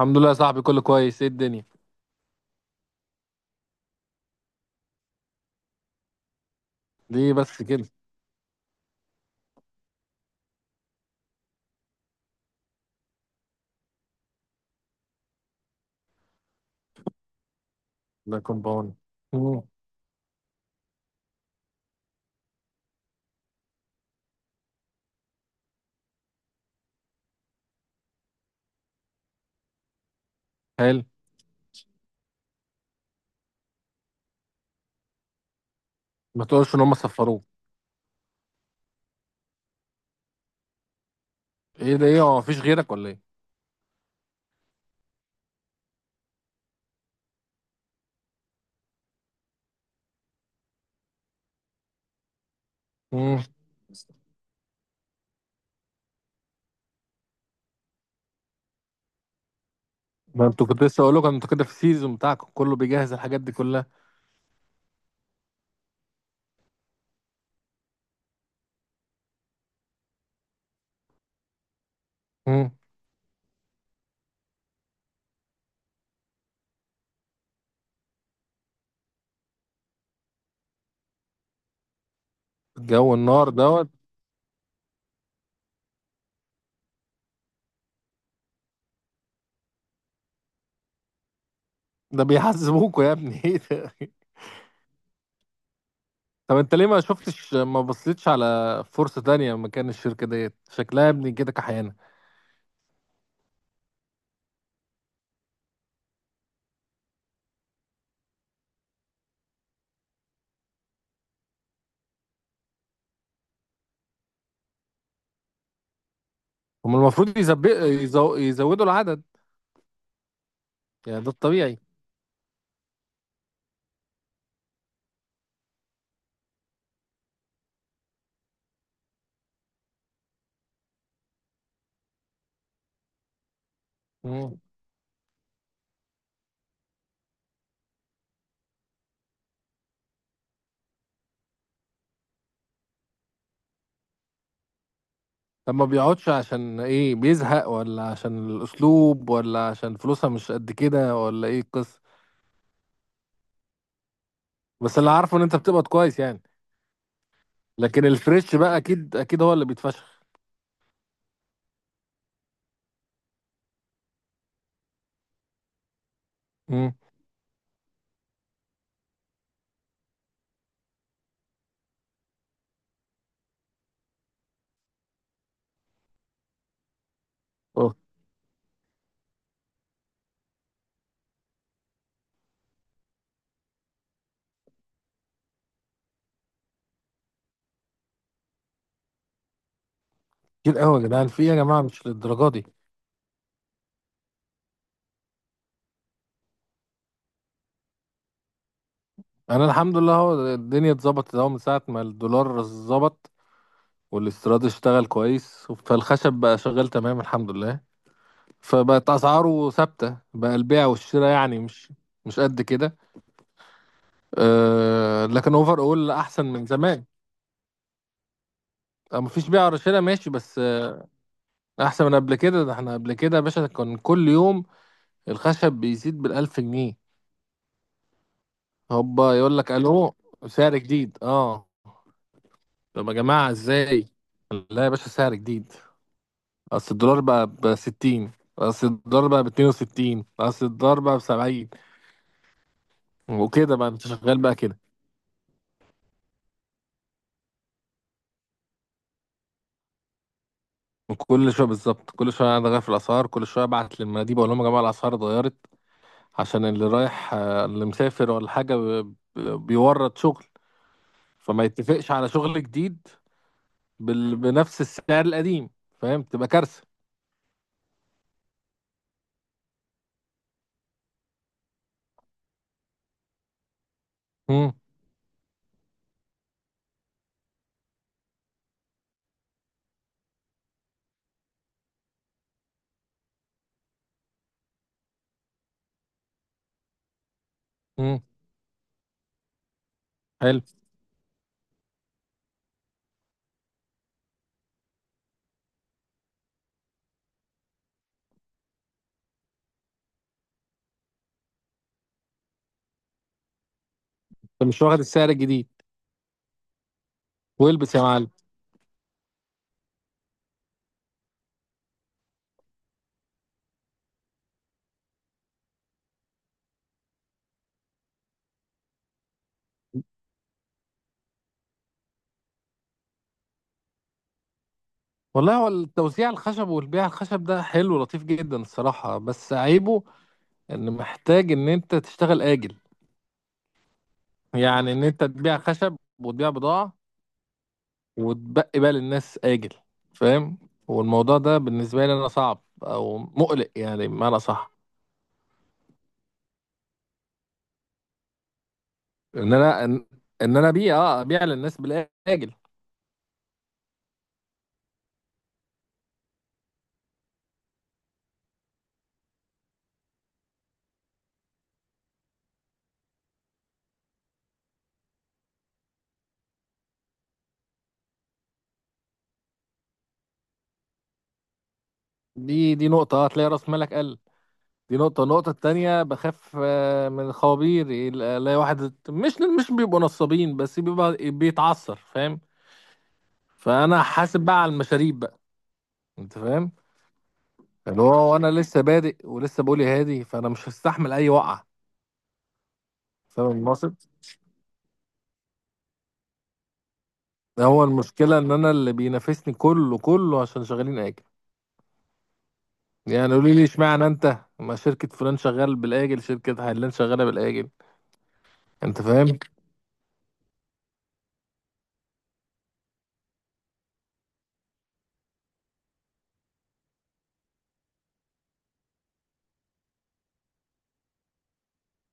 الحمد لله يا صاحبي، كله كويس. ايه الدنيا دي بس كده؟ ده كومباوند. امم حلو. ما تقولش ان هم صفروه. ايه ده؟ ايه هو مفيش غيرك ولا ايه؟ امم ده انتوا، كنت لسه اقول لكم انتوا كده في السيزون بتاعكم كله بيجهز الحاجات دي كلها. امم الجو النار دوت. ده بيحزبوكوا يا ابني ايه ده؟ طب انت ليه ما شفتش، ما بصيتش على فرصة تانية؟ مكان الشركة ديت شكلها يا ابني كده كحيانة. هم المفروض يزودوا العدد، يعني ده الطبيعي. مم. طب ما بيقعدش عشان ايه؟ بيزهق، ولا عشان الاسلوب، ولا عشان فلوسها مش قد كده، ولا ايه القصه؟ بس اللي عارفه ان انت بتقبض كويس يعني. لكن الفريش بقى اكيد هو اللي بيتفشخ. امم اه كتير قوي يا جدعان، في إيه يا جماعه؟ مش للدرجه دي. انا الحمد لله، هو الدنيا اتظبطت اهو من ساعه ما الدولار اتظبط والاستيراد اشتغل كويس، فالخشب بقى شغال تمام الحمد لله. فبقت اسعاره ثابته، بقى البيع والشراء يعني مش قد كده. أه، لكن اوفر اول، احسن من زمان. اه مفيش بيع رشاشة، ماشي، بس احسن من قبل كده. ده احنا قبل كده يا باشا كان كل يوم الخشب بيزيد بالألف جنيه. هوبا يقول لك الو، سعر جديد. اه طب يا جماعة ازاي؟ لا يا باشا، سعر جديد. اصل الدولار بقى ب 60، اصل الدولار بقى ب 62، اصل الدولار بقى ب 70. وكده بقى انت شغال بقى كده. كل شويه بالظبط، كل شويه انا غير في الاسعار، كل شويه ابعت للمناديب اقول لهم يا جماعه الاسعار اتغيرت، عشان اللي رايح اللي مسافر ولا حاجه بيورط شغل، فما يتفقش على شغل جديد بنفس السعر القديم. فاهم؟ تبقى كارثه. امم. امم. حلو. انت مش واخد السعر الجديد؟ والبس يا معلم. والله، هو التوزيع الخشب والبيع الخشب ده حلو لطيف جدا الصراحه، بس عيبه ان محتاج ان انت تشتغل اجل. يعني ان انت تبيع خشب وتبيع بضاعه وتبقي بقى للناس اجل، فاهم؟ والموضوع ده بالنسبه لي انا صعب او مقلق يعني، بمعنى صح، ان انا ان إن انا ابيع للناس بالاجل. دي نقطة، هتلاقي رأس مالك قل. دي نقطة. النقطة التانية بخاف من الخوابير. الاقي واحد مش بيبقوا نصابين بس بيبقى بيتعثر، فاهم؟ فأنا حاسب بقى على المشاريب بقى. أنت فاهم؟ اللي هو أنا لسه بادئ ولسه بقولي هادي، فأنا مش هستحمل أي وقعة. فاهم المقصد؟ هو المشكلة إن أنا اللي بينافسني كله عشان شغالين آجل. يعني قولي لي اشمعنى أنت، ما شركة فلان شغال بالآجل، شركة علان شغالة بالآجل. أنت فاهم؟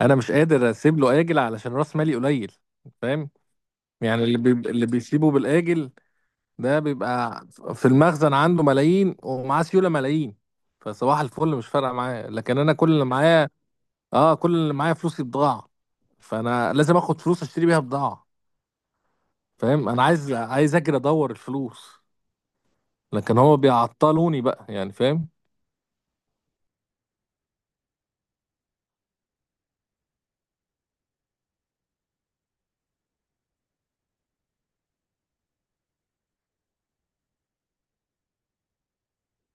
انا مش قادر اسيب له اجل علشان راس مالي قليل، فاهم؟ يعني اللي بيسيبه بالاجل ده بيبقى في المخزن عنده ملايين ومعاه سيوله ملايين، فصباح الفل مش فارقه معايا. لكن انا كل اللي معايا، اه، كل اللي معايا فلوسي بضاعه، فانا لازم اخد فلوس اشتري بيها بضاعه، فاهم؟ انا عايز اجري ادور الفلوس، لكن هو بيعطلوني بقى يعني، فاهم؟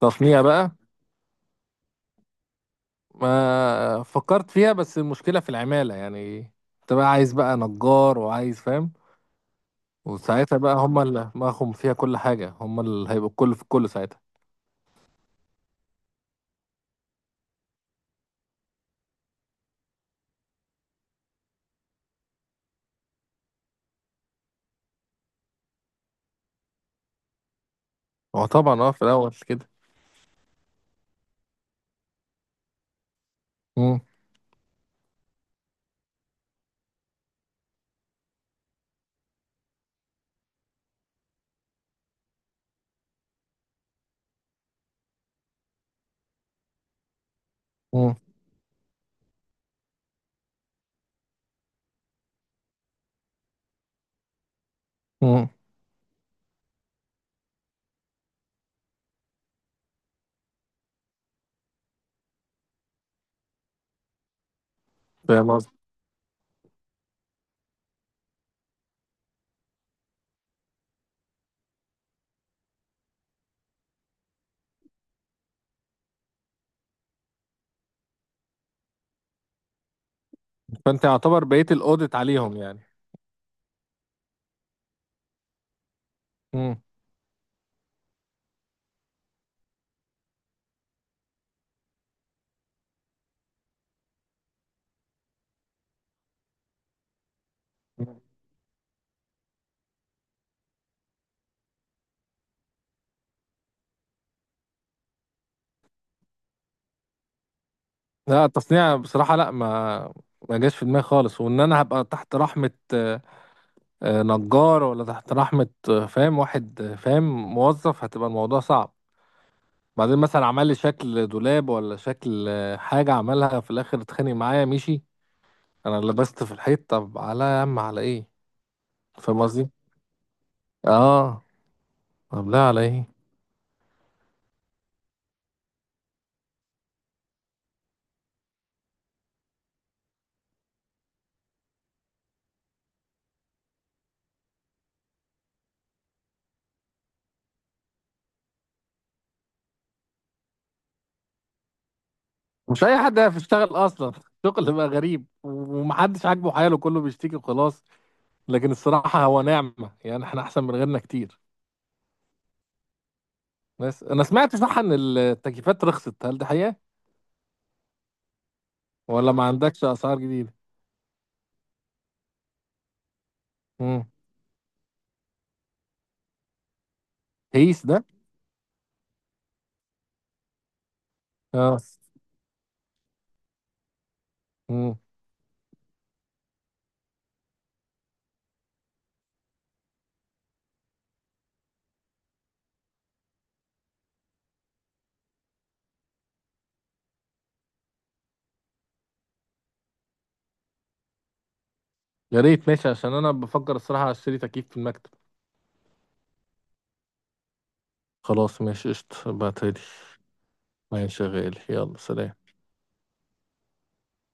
تصنيع بقى. ما فكرت فيها، بس المشكله في العماله يعني. انت بقى عايز بقى نجار وعايز، فاهم؟ وساعتها بقى هم اللي معهم فيها كل حاجة، هم اللي هيبقوا الكل في الكل ساعتها. هو طبعا اه في الأول كده. مم. مم. مم. فاهم قصدي؟ فأنت يعتبر بقيت الأوديت عليهم يعني. مم. مم. لا التصنيع بصراحة، لا ما ما جاش في دماغي خالص. وإن أنا هبقى تحت رحمة نجار، ولا تحت رحمة فاهم، واحد فاهم، موظف، هتبقى الموضوع صعب. بعدين مثلا عمل لي شكل دولاب ولا شكل حاجة، عملها في الآخر اتخانق معايا، مشي. أنا لبست في الحيط، طب على يا عم على إيه؟ فاهم قصدي؟ اه. طب لا، على ايه؟ مش اي حد يعرف يشتغل اصلا شغل بقى غريب ومحدش عاجبه حاله، كله بيشتكي وخلاص. لكن الصراحه هو نعمه يعني، احنا احسن من غيرنا كتير. بس انا سمعت صح ان التكييفات رخصت، هل ده حقيقه؟ ولا ما عندكش اسعار جديده؟ امم. هيس ده. اه. امم. يا ريت، ماشي، عشان انا بفكر الصراحه اشتري تكييف في المكتب. خلاص، ماشي، قشطه، بعتلي. ماشي يا غالي، يلا سلام.